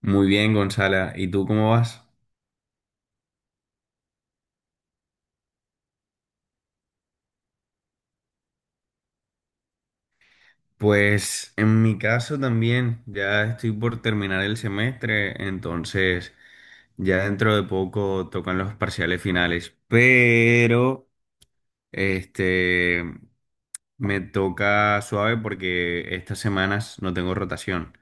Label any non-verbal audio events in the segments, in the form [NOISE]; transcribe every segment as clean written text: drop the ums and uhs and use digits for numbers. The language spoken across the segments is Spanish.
Muy bien, Gonzala. ¿Y tú cómo vas? Pues en mi caso también, ya estoy por terminar el semestre, entonces ya dentro de poco tocan los parciales finales, pero este me toca suave porque estas semanas no tengo rotación,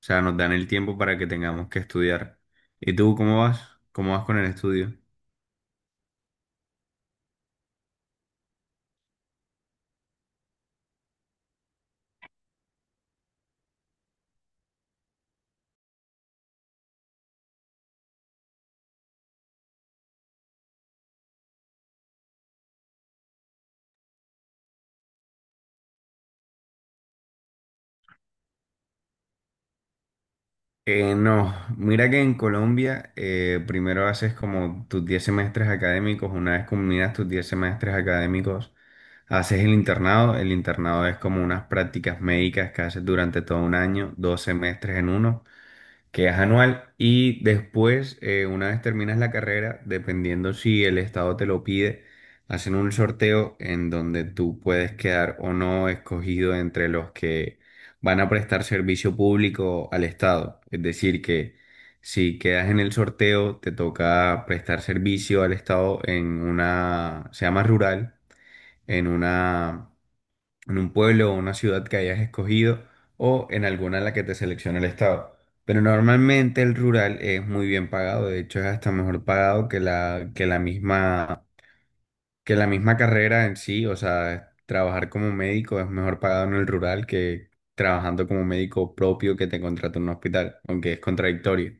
o sea, nos dan el tiempo para que tengamos que estudiar. ¿Y tú cómo vas? ¿Cómo vas con el estudio? No, mira que en Colombia primero haces como tus 10 semestres académicos. Una vez culminas tus 10 semestres académicos, haces el internado. El internado es como unas prácticas médicas que haces durante todo un año, 2 semestres en uno, que es anual. Y después, una vez terminas la carrera, dependiendo si el estado te lo pide, hacen un sorteo en donde tú puedes quedar o no escogido entre los que van a prestar servicio público al estado. Es decir, que si quedas en el sorteo, te toca prestar servicio al estado en una, se llama rural, en una en un pueblo o una ciudad que hayas escogido, o en alguna en la que te seleccione el estado. Pero normalmente el rural es muy bien pagado, de hecho es hasta mejor pagado que la, que la misma carrera en sí. O sea, trabajar como médico es mejor pagado en el rural que trabajando como médico propio que te contrata en un hospital, aunque es contradictorio.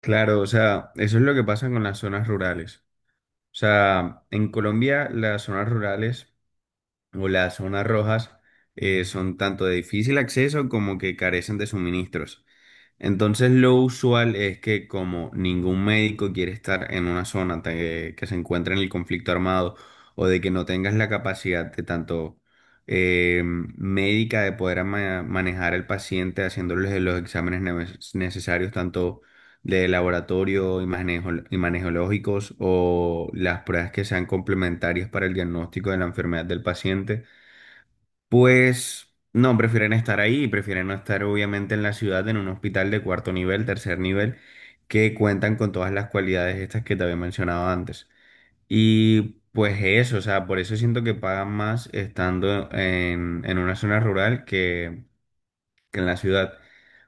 Claro, o sea, eso es lo que pasa con las zonas rurales. O sea, en Colombia las zonas rurales o las zonas rojas son tanto de difícil acceso como que carecen de suministros. Entonces lo usual es que como ningún médico quiere estar en una zona que se encuentra en el conflicto armado, o de que no tengas la capacidad de tanto médica de poder manejar al paciente haciéndole los exámenes necesarios, tanto de laboratorio, imageneológicos, o las pruebas que sean complementarias para el diagnóstico de la enfermedad del paciente. Pues no, prefieren estar ahí, prefieren no estar obviamente en la ciudad, en un hospital de cuarto nivel, tercer nivel, que cuentan con todas las cualidades estas que te había mencionado antes. Y pues eso, o sea, por eso siento que pagan más estando en una zona rural que en la ciudad.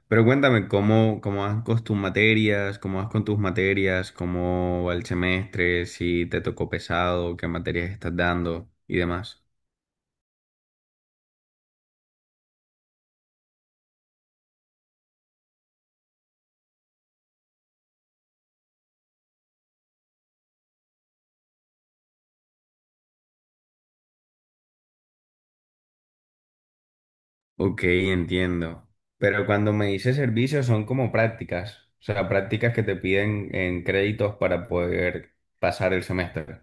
Pero cuéntame, ¿cómo vas con tus materias? ¿Cómo vas con tus materias? ¿Cómo va el semestre? ¿Si te tocó pesado? ¿Qué materias estás dando? Y demás. Ok, entiendo. Pero cuando me dice servicios son como prácticas, o sea, prácticas que te piden en créditos para poder pasar el semestre.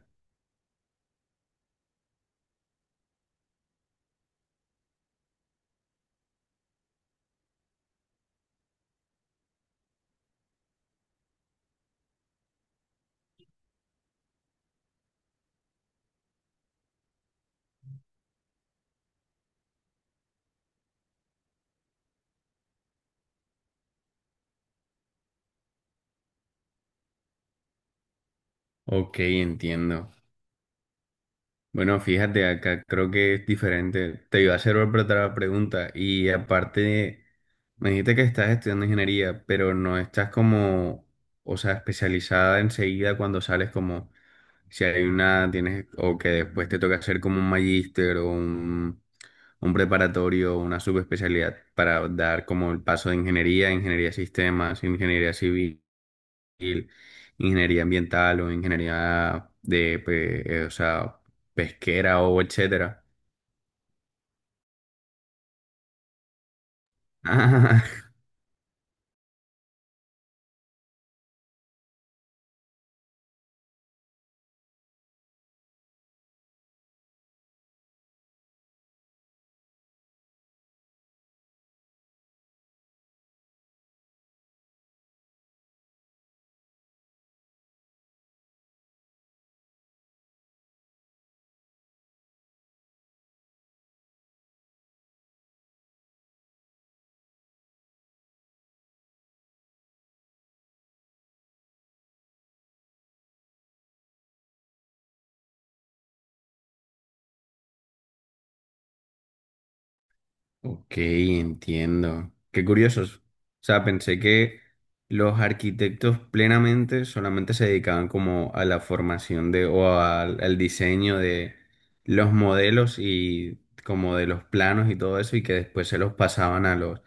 Ok, entiendo. Bueno, fíjate, acá creo que es diferente. Te iba a hacer otra pregunta y aparte me dijiste que estás estudiando ingeniería, pero no estás como, o sea, especializada enseguida cuando sales como, si hay una, tienes, o que después te toca hacer como un magíster o un preparatorio, una subespecialidad para dar como el paso de ingeniería, ingeniería de sistemas, ingeniería civil, ingeniería ambiental o ingeniería de, o sea, pesquera o etcétera. [LAUGHS] Ok, entiendo. Qué curiosos. O sea, pensé que los arquitectos plenamente solamente se dedicaban como a la formación de, o al diseño de los modelos y como de los planos y todo eso, y que después se los pasaban a los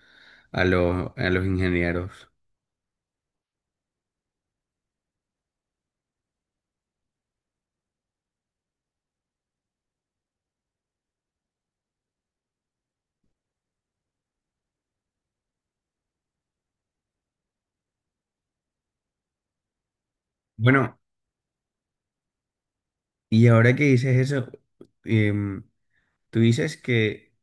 a los ingenieros. Bueno, y ahora que dices eso, em, tú dices que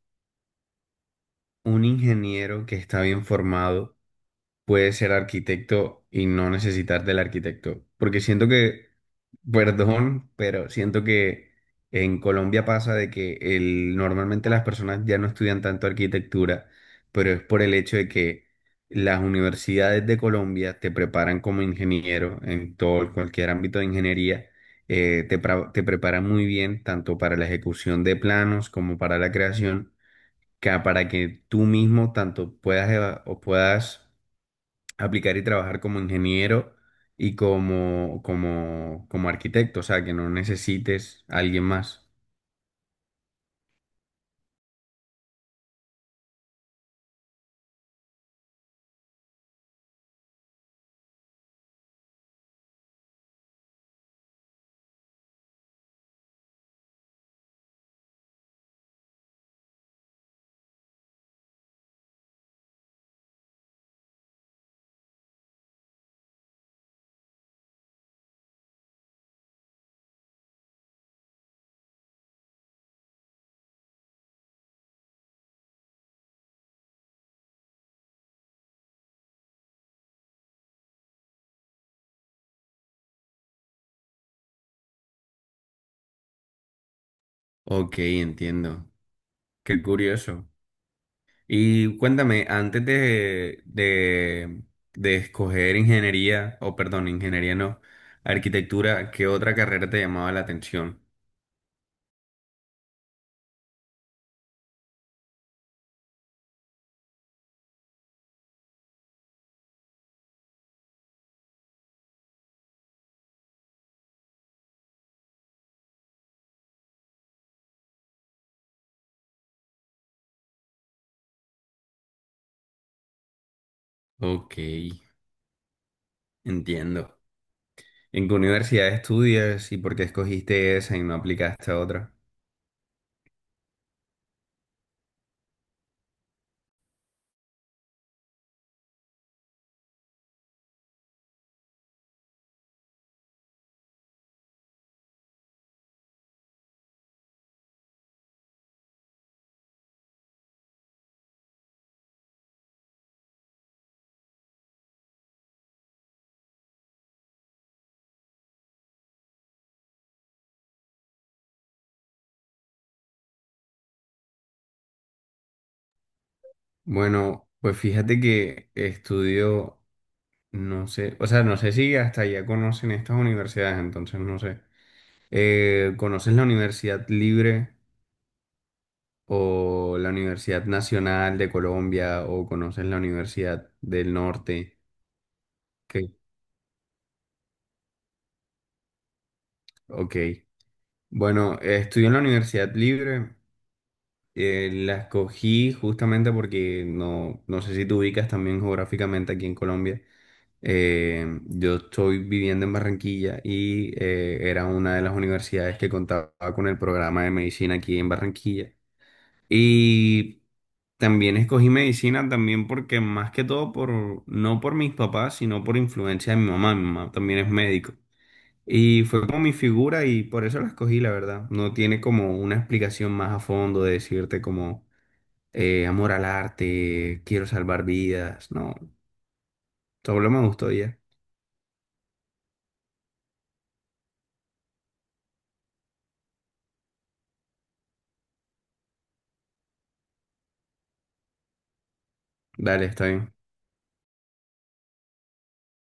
un ingeniero que está bien formado puedes ser arquitecto y no necesitar del arquitecto. Porque siento que, perdón, pero siento que en Colombia pasa de que el, normalmente las personas ya no estudian tanto arquitectura, pero es por el hecho de que las universidades de Colombia te preparan como ingeniero en todo, cualquier ámbito de ingeniería. Te preparan muy bien tanto para la ejecución de planos como para la creación, que para que tú mismo tanto puedas o puedas aplicar y trabajar como ingeniero y como arquitecto, o sea, que no necesites a alguien más. Ok, entiendo. Qué curioso. Y cuéntame, antes de escoger ingeniería, o perdón, ingeniería no, arquitectura, ¿qué otra carrera te llamaba la atención? Ok, entiendo. ¿En qué universidad estudias y por qué escogiste esa y no aplicaste a otra? Bueno, pues fíjate que estudio. No sé, o sea, no sé si hasta allá conocen estas universidades, entonces no sé. ¿Conoces la Universidad Libre o la Universidad Nacional de Colombia, o conoces la Universidad del Norte? Que, ok. Bueno, estudio en la Universidad Libre. La escogí justamente porque no, no sé si te ubicas también geográficamente aquí en Colombia. Yo estoy viviendo en Barranquilla y era una de las universidades que contaba con el programa de medicina aquí en Barranquilla. Y también escogí medicina también porque más que todo por, no por mis papás, sino por influencia de mi mamá. Mi mamá también es médico. Y fue como mi figura, y por eso la escogí, la verdad. No tiene como una explicación más a fondo, de decirte como amor al arte, quiero salvar vidas. No, solo me gustó ya. Dale, está bien.